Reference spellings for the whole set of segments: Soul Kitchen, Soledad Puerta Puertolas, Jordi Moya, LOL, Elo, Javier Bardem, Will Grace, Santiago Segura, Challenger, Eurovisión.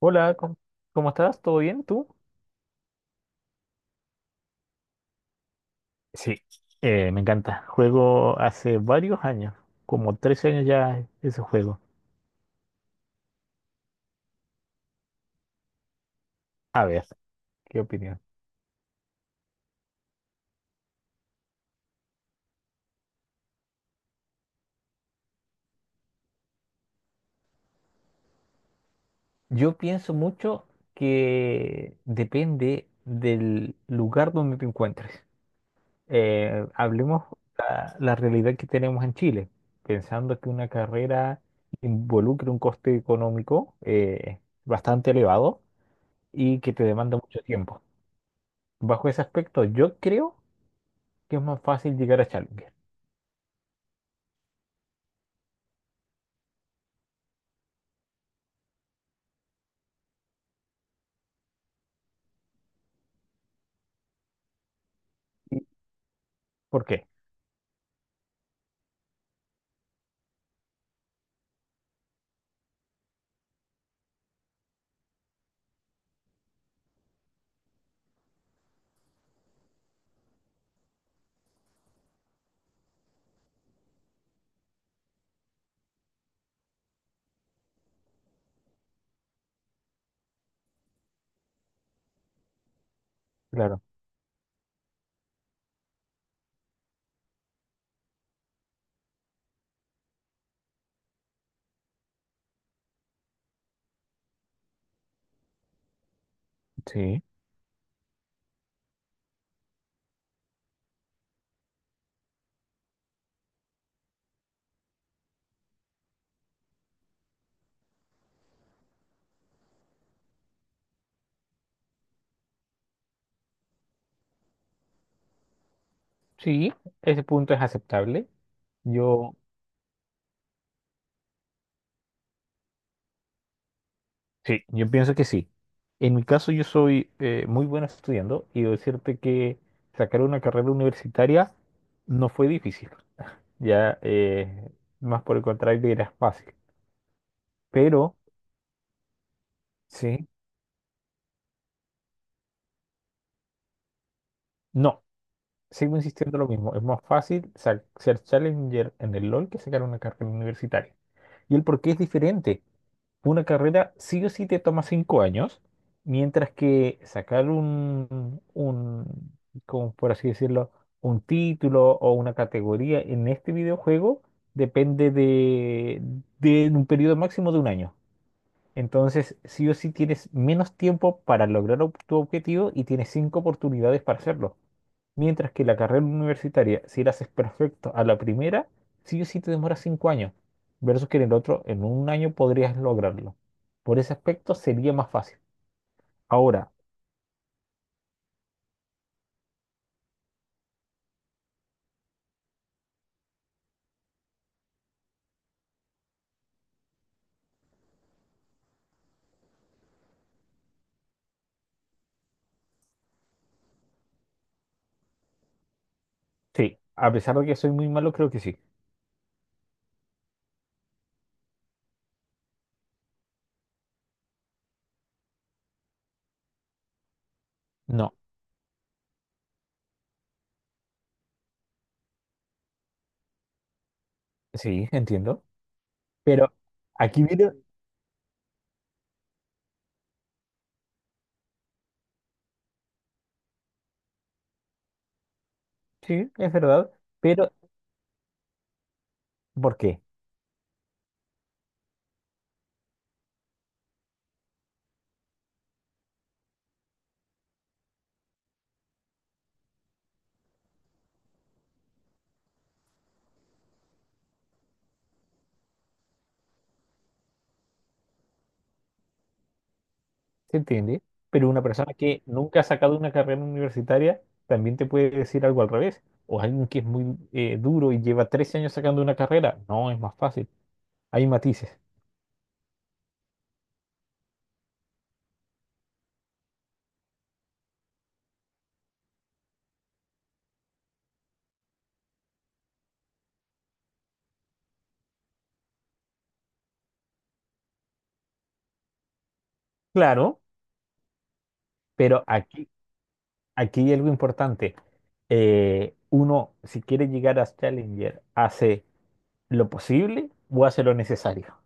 Hola, ¿cómo estás? ¿Todo bien? ¿Tú? Sí, me encanta. Juego hace varios años, como 13 años ya ese juego. A ver, ¿qué opinión? Yo pienso mucho que depende del lugar donde te encuentres. Hablemos la realidad que tenemos en Chile, pensando que una carrera involucra un coste económico bastante elevado y que te demanda mucho tiempo. Bajo ese aspecto, yo creo que es más fácil llegar a Challenger. ¿Por qué? Claro, sí. Sí, ese punto es aceptable. Yo, sí, yo pienso que sí. En mi caso, yo soy muy bueno estudiando y decirte que sacar una carrera universitaria no fue difícil. Ya, más por el contrario, era fácil. Pero Sí. No, sigo insistiendo lo mismo. Es más fácil sa- ser challenger en el LOL que sacar una carrera universitaria. Y el por qué es diferente. Una carrera sí o sí te toma 5 años, mientras que sacar un, como por así decirlo, un título o una categoría en este videojuego depende de un periodo máximo de un año. Entonces, sí o sí tienes menos tiempo para lograr ob- tu objetivo y tienes cinco oportunidades para hacerlo. Mientras que la carrera universitaria, si la haces perfecto a la primera, sí o sí te demora 5 años, versus que en el otro, en un año podrías lograrlo. Por ese aspecto sería más fácil. Ahora, sí, a pesar de que soy muy malo, creo que sí. No, sí, entiendo. Pero aquí viene, sí, es verdad, pero ¿por qué? ¿Se entiende? Pero una persona que nunca ha sacado una carrera universitaria también te puede decir algo al revés. O alguien que es muy duro y lleva 13 años sacando una carrera, no, es más fácil. Hay matices. Claro, pero aquí hay algo importante. Uno, si quiere llegar a Challenger, hace lo posible o hace lo necesario.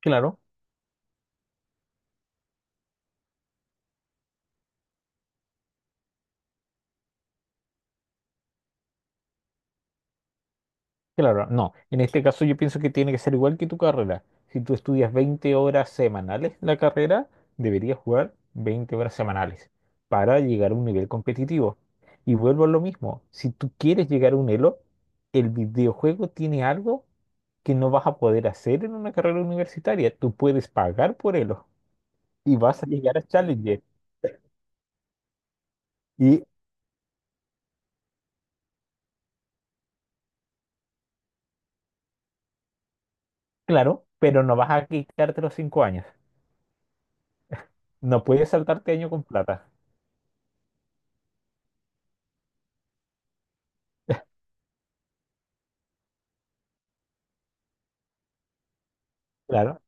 Claro, claro, no. En este caso yo pienso que tiene que ser igual que tu carrera. Si tú estudias 20 horas semanales la carrera, deberías jugar 20 horas semanales para llegar a un nivel competitivo. Y vuelvo a lo mismo, si tú quieres llegar a un Elo, el videojuego tiene algo que no vas a poder hacer en una carrera universitaria. Tú puedes pagar por ello y vas a llegar a Challenger. Y claro, pero no vas a quitarte los 5 años. No puedes saltarte año con plata. Claro,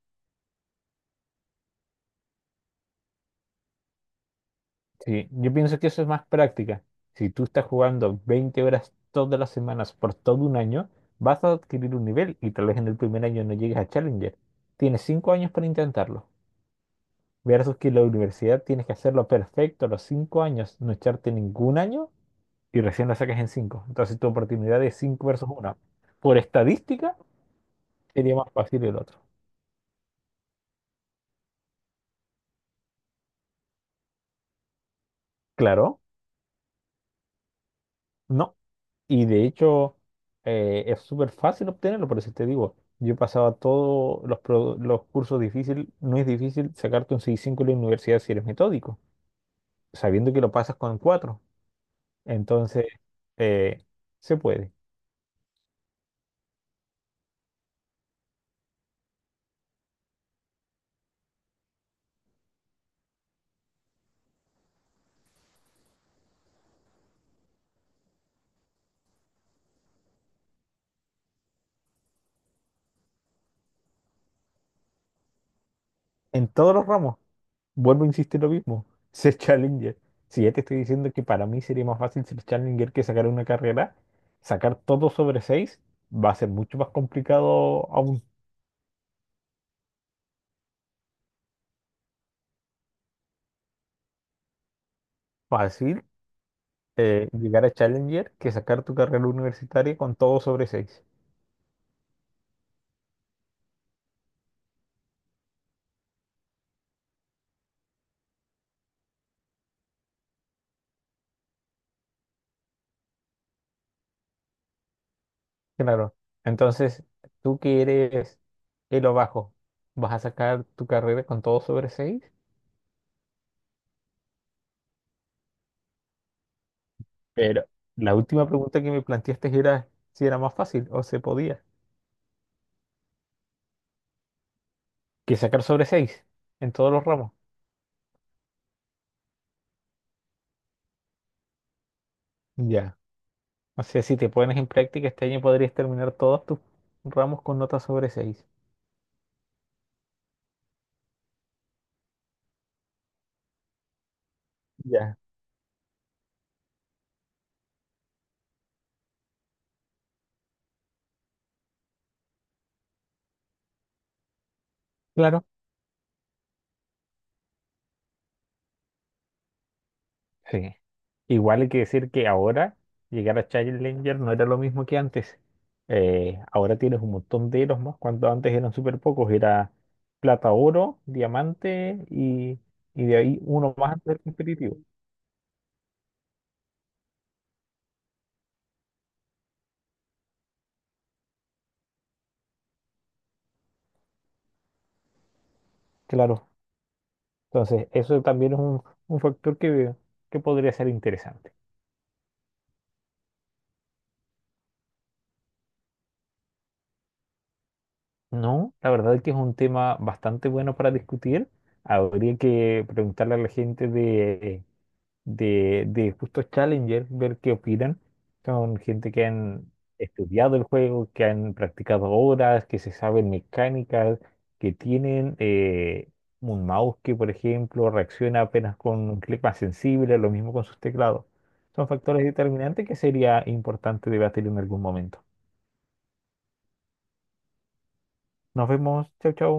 sí. Yo pienso que eso es más práctica. Si tú estás jugando 20 horas todas las semanas por todo un año, vas a adquirir un nivel y tal vez en el primer año no llegues a Challenger. Tienes 5 años para intentarlo. Versus que la universidad tienes que hacerlo perfecto a los 5 años, no echarte ningún año y recién la saques en cinco. Entonces tu oportunidad es 5 versus 1. Por estadística sería más fácil el otro. Claro, no. Y de hecho es súper fácil obtenerlo, por eso te digo, yo pasaba todos los, pro- los cursos difíciles, no es difícil sacarte un seis cinco en la universidad si eres metódico, sabiendo que lo pasas con cuatro. Entonces, eh, se puede. En todos los ramos. Vuelvo a insistir lo mismo. Ser Challenger. Si ya te estoy diciendo que para mí sería más fácil ser Challenger que sacar una carrera, sacar todo sobre 6, va a ser mucho más complicado, aún fácil, llegar a Challenger que sacar tu carrera universitaria con todo sobre seis. Claro. Entonces, tú que eres el o bajo, ¿vas a sacar tu carrera con todo sobre seis? Pero la última pregunta que me planteaste era si era más fácil o se podía que sacar sobre 6 en todos los ramos. Ya. O sea, si te pones en práctica, este año podrías terminar todos tus ramos con nota sobre seis. Ya, claro. Sí. Igual hay que decir que ahora llegar a Challenger no era lo mismo que antes. Ahora tienes un montón de eros más, cuando antes eran súper pocos. Era plata, oro, diamante y de ahí uno más antes del competitivo. Claro. Entonces, eso también es un factor que podría ser interesante. No, la verdad es que es un tema bastante bueno para discutir. Habría que preguntarle a la gente de justo Challenger, ver qué opinan. Son gente que han estudiado el juego, que han practicado horas, que se saben mecánicas, que tienen un mouse que, por ejemplo, reacciona apenas con un clic más sensible, lo mismo con sus teclados. Son factores determinantes que sería importante debatir en algún momento. Nos vemos. Chau, chau.